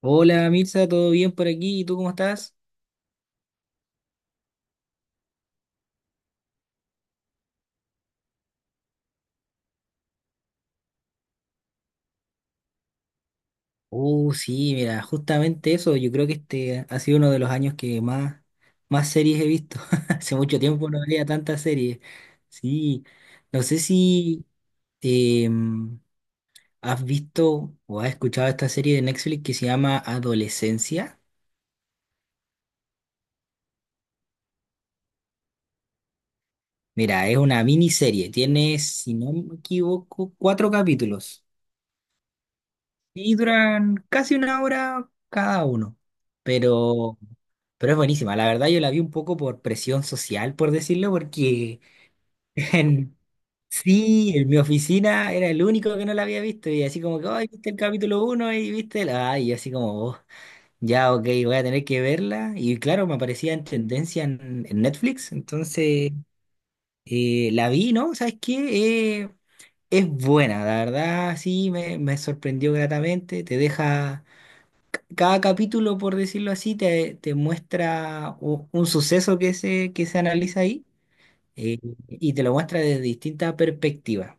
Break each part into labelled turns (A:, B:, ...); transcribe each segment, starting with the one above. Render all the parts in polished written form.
A: Hola Mirza, ¿todo bien por aquí? ¿Y tú cómo estás? Sí, mira, justamente eso, yo creo que este ha sido uno de los años que más series he visto. Hace mucho tiempo no veía tantas series. Sí, no sé si em, has visto o has escuchado esta serie de Netflix que se llama Adolescencia. Mira, es una miniserie, tiene, si no me equivoco, cuatro capítulos. Y duran casi una hora cada uno. Pero, pero es buenísima. La verdad yo la vi un poco por presión social, por decirlo, porque en, sí, en mi oficina era el único que no la había visto. Y así como que, ay, viste el capítulo uno y viste la... Ay, y así como: "Oh, ya, ok, voy a tener que verla". Y claro, me aparecía en tendencia en Netflix. Entonces, la vi, ¿no? ¿Sabes qué? Es buena, la verdad, sí, me sorprendió gratamente. Te deja cada capítulo, por decirlo así, te muestra un suceso que se analiza ahí, eh, y te lo muestra desde distintas perspectivas,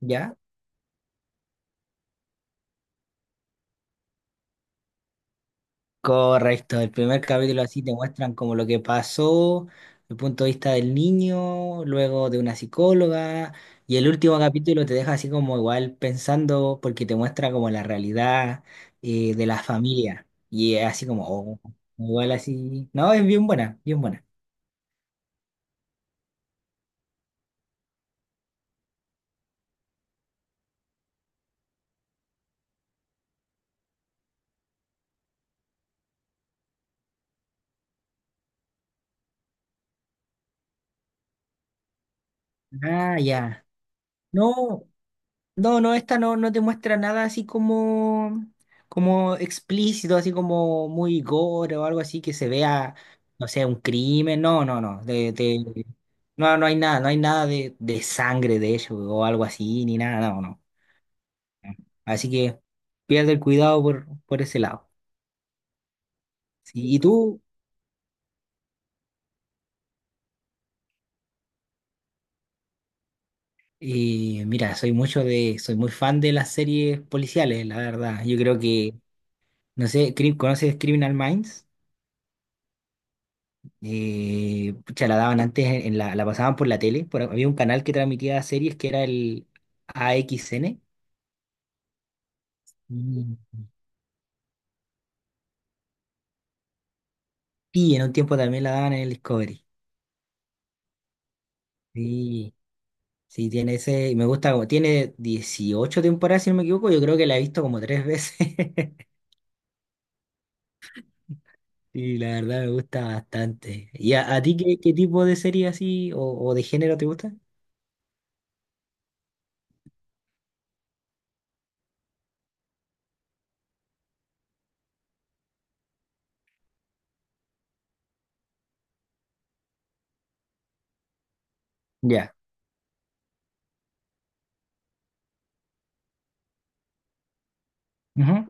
A: ¿ya? Correcto, el primer capítulo así te muestran como lo que pasó, el punto de vista del niño, luego de una psicóloga, y el último capítulo te deja así como igual pensando porque te muestra como la realidad, de la familia, y es así como: oh, igual así, no, es bien buena, bien buena. Ah, ya. No, no, esta no, no te muestra nada así como, como explícito, así como muy gore o algo así que se vea, no sé, un crimen. No, no, no. No, no hay nada, no hay nada de, de sangre de ello o algo así, ni nada, no, no. Así que pierde el cuidado por ese lado. Sí, ¿y tú? Mira, soy mucho de, soy muy fan de las series policiales, la verdad. Yo creo que, no sé, ¿conoces Criminal Minds? Pucha, la daban antes, en la, la pasaban por la tele. Había un canal que transmitía series que era el AXN. Mm. Y en un tiempo también la daban en el Discovery. Sí, sí, tiene ese. Y me gusta como. Tiene 18 temporadas, si no me equivoco. Yo creo que la he visto como tres veces. Y la verdad me gusta bastante. ¿Y a ti qué, qué tipo de serie así o de género te gusta? Ya. Ujú.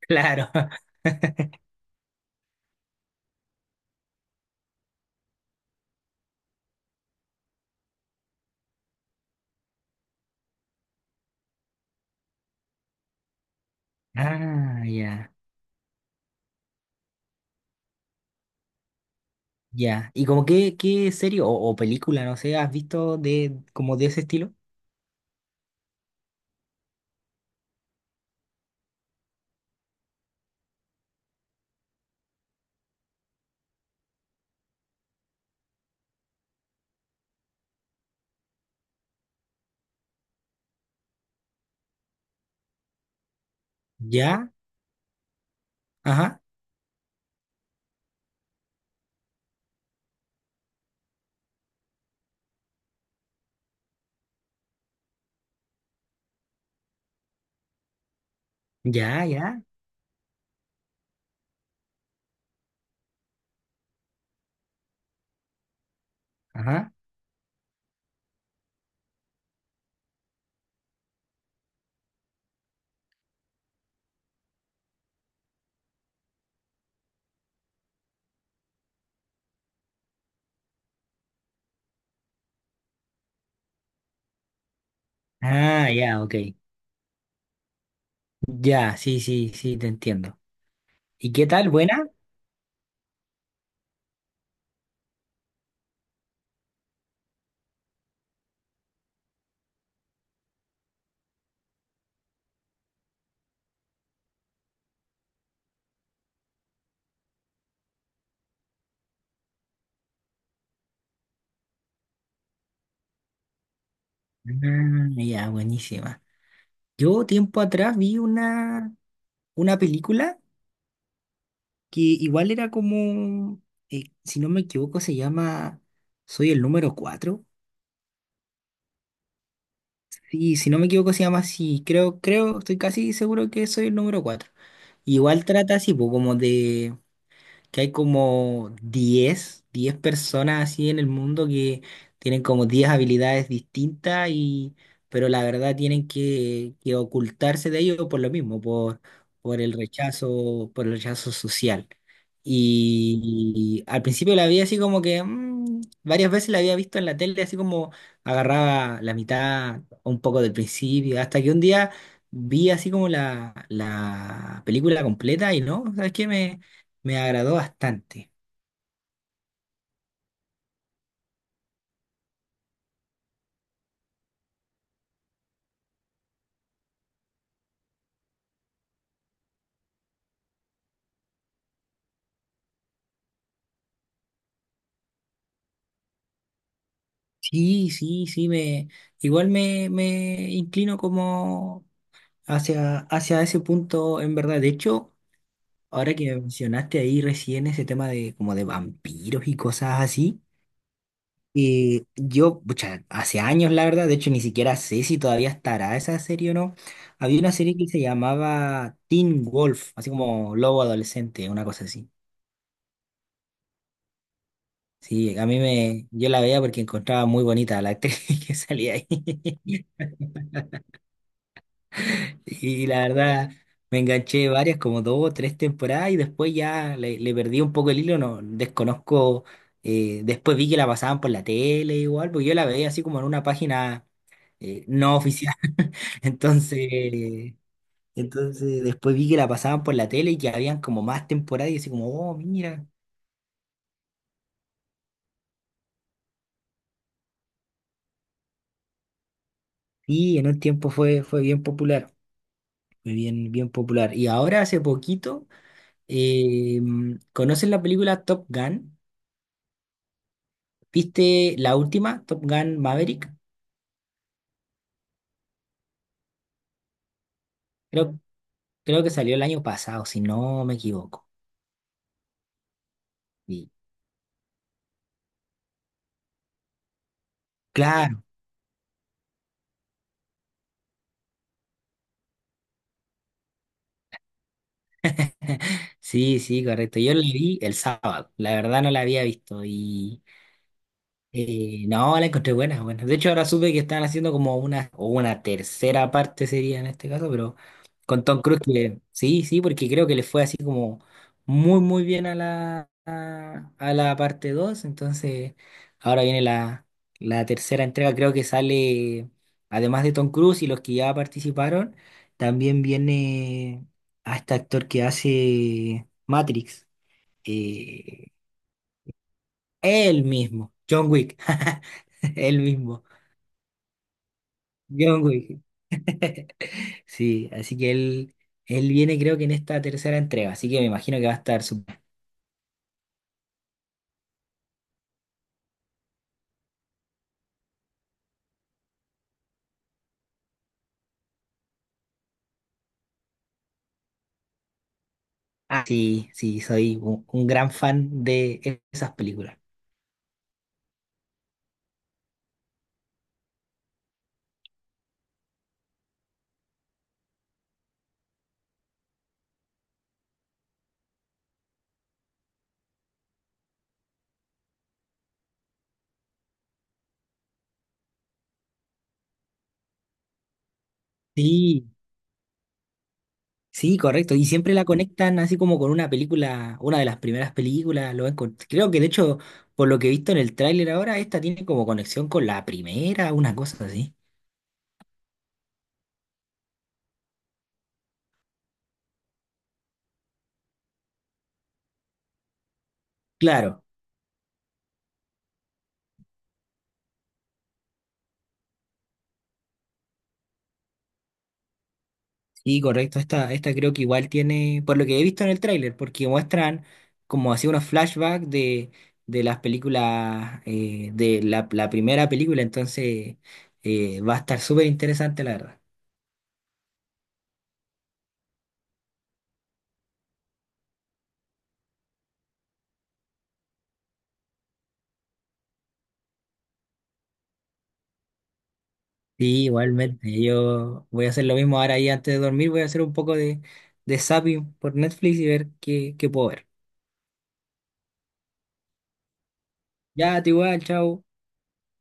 A: Claro. Ah, ya. Ya. ¿Y como qué, qué serie o película, no sé, has visto de como de ese estilo? Ya, ajá, ya, ya, ajá. Ah, ya, ok. Ya, sí, sí, sí, te entiendo. ¿Y qué tal? ¿Buena? Ah, ya, buenísima. Yo tiempo atrás vi una película que igual era como, si no me equivoco, se llama Soy el número cuatro. Sí, si no me equivoco, se llama así. Creo, creo, estoy casi seguro que soy el número cuatro. Igual trata así, po, como de que hay como 10 personas así en el mundo que tienen como 10 habilidades distintas y, pero la verdad tienen que ocultarse de ello por lo mismo, por el rechazo social. Y, al principio la vi así como que varias veces la había visto en la tele, así como agarraba la mitad o un poco del principio, hasta que un día vi así como la película completa y no, ¿sabes qué? Me agradó bastante. Sí, sí, sí, me igual me inclino como hacia, hacia ese punto en verdad. De hecho, ahora que mencionaste ahí recién ese tema de como de vampiros y cosas así, yo, pucha, hace años la verdad, de hecho ni siquiera sé si todavía estará esa serie o no. Había una serie que se llamaba Teen Wolf, así como lobo adolescente, una cosa así. Sí, a mí me, yo la veía porque encontraba muy bonita a la actriz que salía ahí. Y la verdad, me enganché varias, como dos o tres temporadas, y después ya le perdí un poco el hilo, no desconozco. Después vi que la pasaban por la tele igual, porque yo la veía así como en una página no oficial. Entonces, entonces después vi que la pasaban por la tele y que habían como más temporadas, y así como, oh, mira. Sí, en un tiempo fue, fue bien popular, fue bien, bien popular. Y ahora hace poquito, eh, ¿conocen la película Top Gun? ¿Viste la última, Top Gun Maverick? Creo, creo que salió el año pasado, si no me equivoco. Y, claro, sí, sí, correcto. Yo la vi el sábado, la verdad no la había visto. No, la encontré buena, buena. De hecho, ahora supe que están haciendo como una, o una tercera parte sería en este caso, pero con Tom Cruise que sí, sí, porque creo que le fue así como muy, muy bien a la parte dos. Entonces, ahora viene la, la tercera entrega. Creo que sale, además de Tom Cruise y los que ya participaron, también viene a este actor que hace Matrix. Eh, él mismo, John Wick, él mismo. John Wick. Sí, así que él viene creo que en esta tercera entrega, así que me imagino que va a estar súper. Ah, sí, sí, soy un gran fan de e, esas películas. Sí, sí, correcto. Y siempre la conectan así como con una película, una de las primeras películas. Creo que de hecho, por lo que he visto en el tráiler ahora, esta tiene como conexión con la primera, una cosa así. Claro. Y correcto, esta creo que igual tiene, por lo que he visto en el tráiler, porque muestran como así unos flashbacks de las películas, de la, la primera película, entonces va a estar súper interesante, la verdad. Sí, igualmente, yo voy a hacer lo mismo ahora y antes de dormir voy a hacer un poco de zapping por Netflix y ver qué, qué puedo ver. Ya, te igual, chao.